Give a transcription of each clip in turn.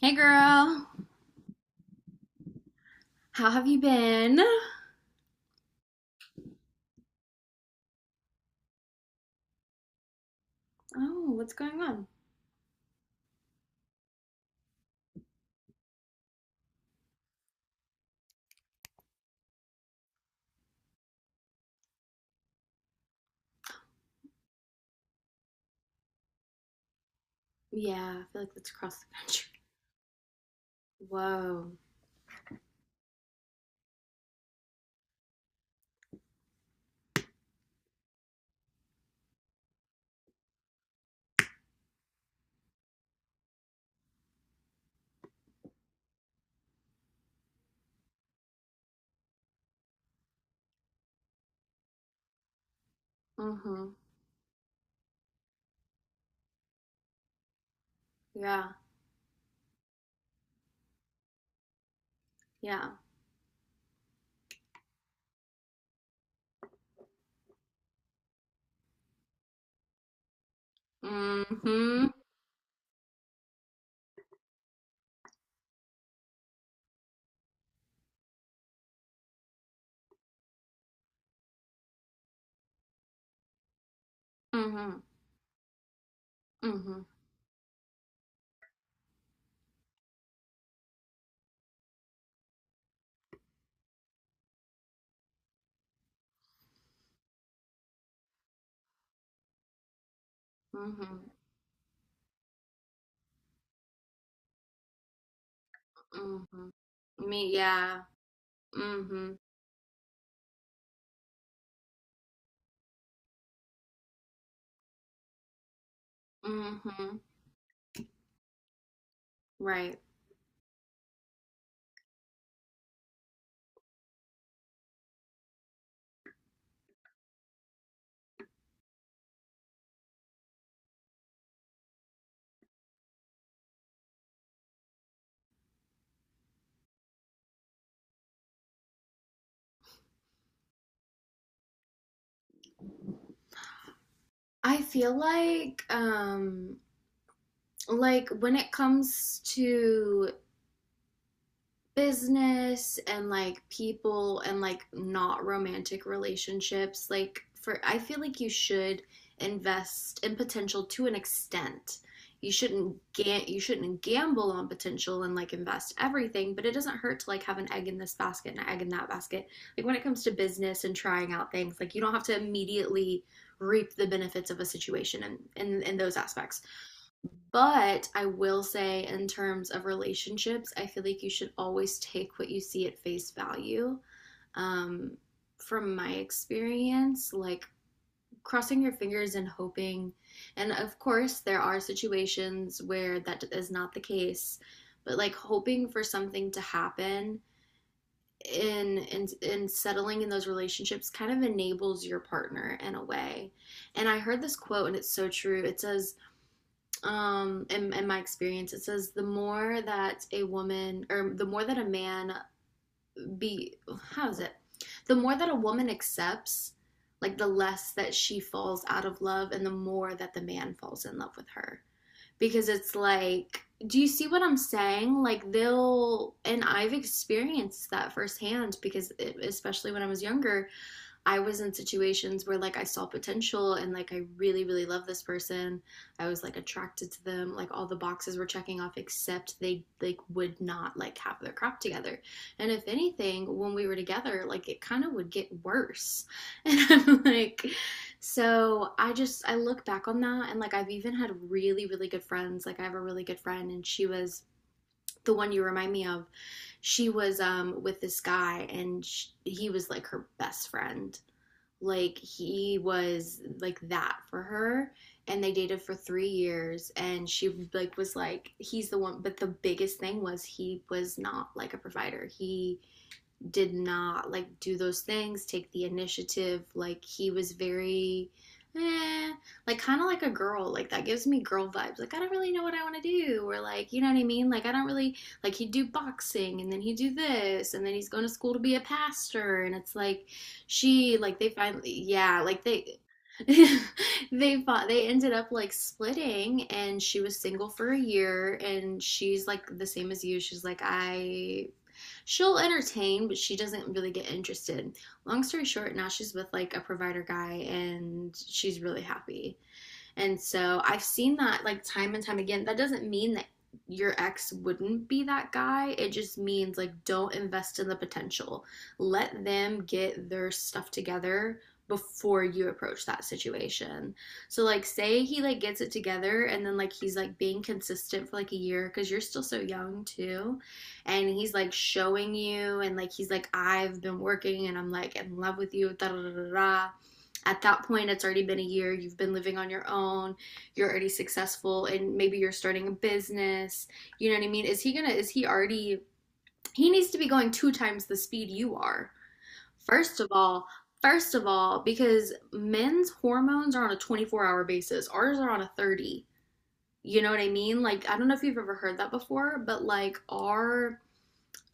Hey girl, how have you been? Oh, what's going on? Yeah, I feel like that's across the country. Whoa. Mm-hmm. Yeah, yeah. Mm-hmm. Mm-hmm. Mm-hmm. Mm-hmm. Mm-hmm. Me, yeah. Mm-hmm. Mm-hmm. Right. I feel like when it comes to business and like people and like not romantic relationships, like for, I feel like you should invest in potential to an extent. You shouldn't gamble on potential and like invest everything, but it doesn't hurt to like have an egg in this basket and an egg in that basket, like when it comes to business and trying out things, like you don't have to immediately reap the benefits of a situation and in those aspects. But I will say, in terms of relationships, I feel like you should always take what you see at face value. Um, from my experience, like crossing your fingers and hoping, and of course, there are situations where that is not the case, but like hoping for something to happen in settling in those relationships kind of enables your partner in a way. And I heard this quote and it's so true. It says in my experience, it says the more that a woman, or the more that a man be, how is it, the more that a woman accepts, like the less that she falls out of love and the more that the man falls in love with her, because it's like, do you see what I'm saying? Like they'll, and I've experienced that firsthand, because it, especially when I was younger, I was in situations where like I saw potential and like I really really love this person. I was like attracted to them. Like all the boxes were checking off except they like would not like have their crap together. And if anything, when we were together, like it kind of would get worse. And I'm like, so I just, I look back on that and like I've even had really really good friends. Like I have a really good friend and she was the one you remind me of. She was with this guy, and sh he was like her best friend, like he was like that for her, and they dated for 3 years, and she like was like he's the one, but the biggest thing was he was not like a provider. He did not like do those things, take the initiative. Like he was very, eh, like kind of like a girl. Like that gives me girl vibes. Like I don't really know what I want to do, or like you know what I mean. Like I don't really, like he'd do boxing and then he'd do this and then he's going to school to be a pastor and it's like she like they finally, yeah, like they. They fought, they ended up like splitting, and she was single for a year, and she's like the same as you, she's like I, she'll entertain, but she doesn't really get interested. Long story short, now she's with like a provider guy and she's really happy. And so I've seen that like time and time again. That doesn't mean that your ex wouldn't be that guy. It just means like don't invest in the potential. Let them get their stuff together before you approach that situation. So like say he like gets it together and then like he's like being consistent for like a year cuz you're still so young too, and he's like showing you and like he's like I've been working and I'm like in love with you da da da da. At that point it's already been a year, you've been living on your own, you're already successful and maybe you're starting a business. You know what I mean? Is he gonna, is he already, he needs to be going two times the speed you are. First of all first of all because men's hormones are on a 24-hour basis, ours are on a 30. You know what I mean? Like I don't know if you've ever heard that before, but like our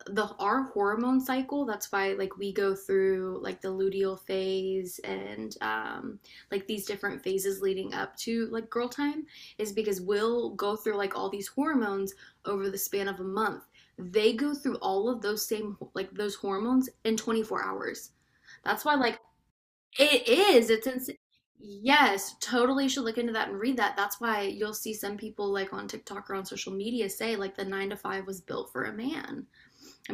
the our hormone cycle, that's why like we go through like the luteal phase and like these different phases leading up to like girl time, is because we'll go through like all these hormones over the span of a month. They go through all of those same like those hormones in 24 hours. That's why like it is, yes, totally should look into that and read that. That's why you'll see some people like on TikTok or on social media say like the nine to five was built for a man,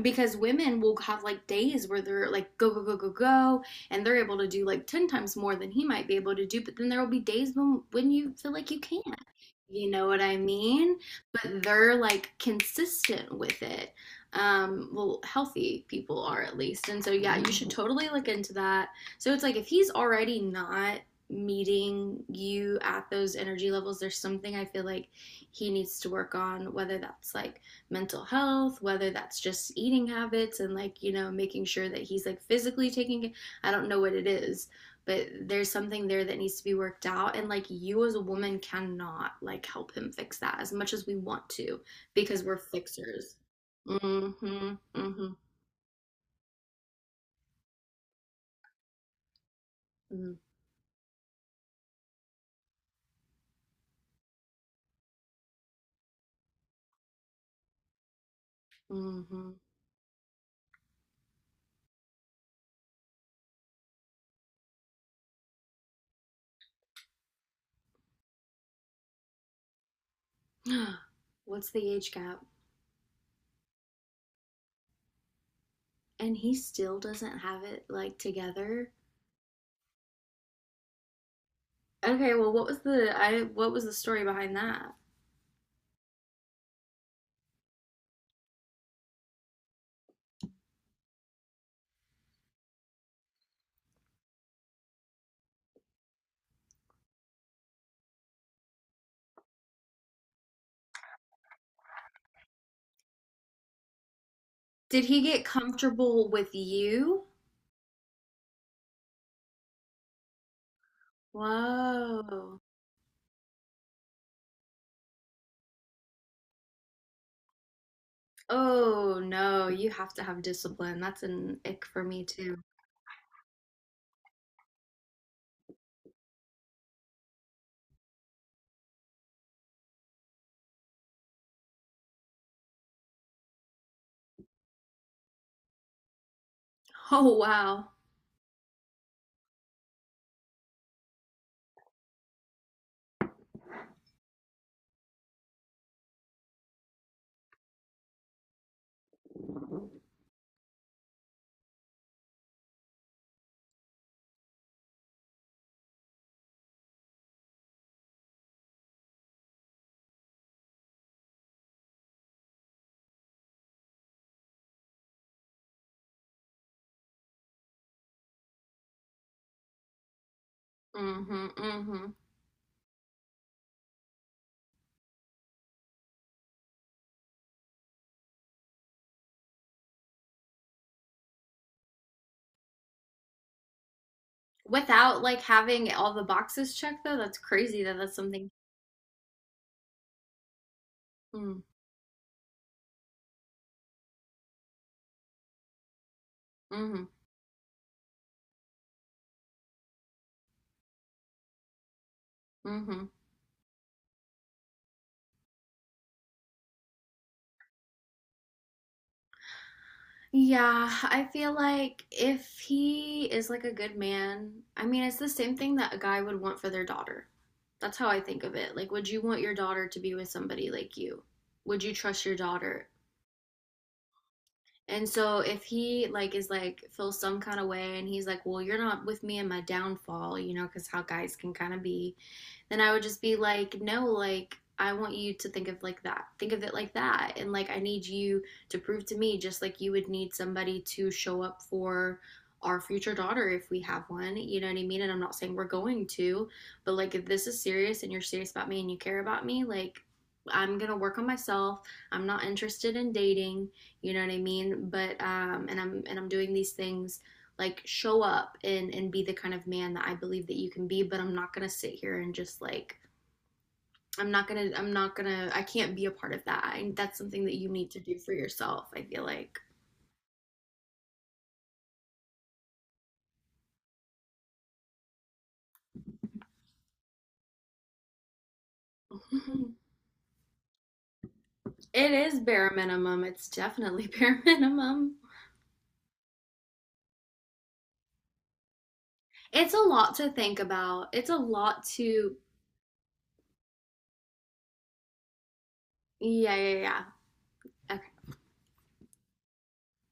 because women will have like days where they're like go go go go go, and they're able to do like 10 times more than he might be able to do, but then there will be days when you feel like you can't. You know what I mean? But they're like consistent with it, well, healthy people are at least, and so yeah, you should totally look into that. So it's like if he's already not meeting you at those energy levels, there's something I feel like he needs to work on, whether that's like mental health, whether that's just eating habits and like, you know, making sure that he's like physically taking. I don't know what it is, but there's something there that needs to be worked out, and like you as a woman cannot like help him fix that as much as we want to, because we're fixers. Mhm. Mhm. Mhm. Mhm. What's the age gap? And he still doesn't have it like together. Okay, well, what was the story behind that? Did he get comfortable with you? Whoa. Oh no, you have to have discipline. That's an ick for me too. Oh wow. Mm-hmm, mm-hmm. Without like having all the boxes checked though, that's crazy that that's something. Mm, mm-hmm, mm-hmm. Yeah, I feel like if he is like a good man, I mean, it's the same thing that a guy would want for their daughter. That's how I think of it. Like, would you want your daughter to be with somebody like you? Would you trust your daughter? And so if he like is like feels some kind of way and he's like, "Well, you're not with me in my downfall," you know, cuz how guys can kind of be, then I would just be like, "No, like I want you to think of like that. Think of it like that. And like I need you to prove to me just like you would need somebody to show up for our future daughter if we have one. You know what I mean? And I'm not saying we're going to, but like if this is serious and you're serious about me and you care about me, like I'm going to work on myself. I'm not interested in dating, you know what I mean? But and I'm doing these things like show up and be the kind of man that I believe that you can be, but I'm not going to sit here and just like, I'm not going to, I'm not going to, I can't be a part of that. I, that's something that you need to do for yourself, I feel like." It is bare minimum. It's definitely bare minimum. It's a lot to think about. It's a lot to, yeah, yeah, yeah.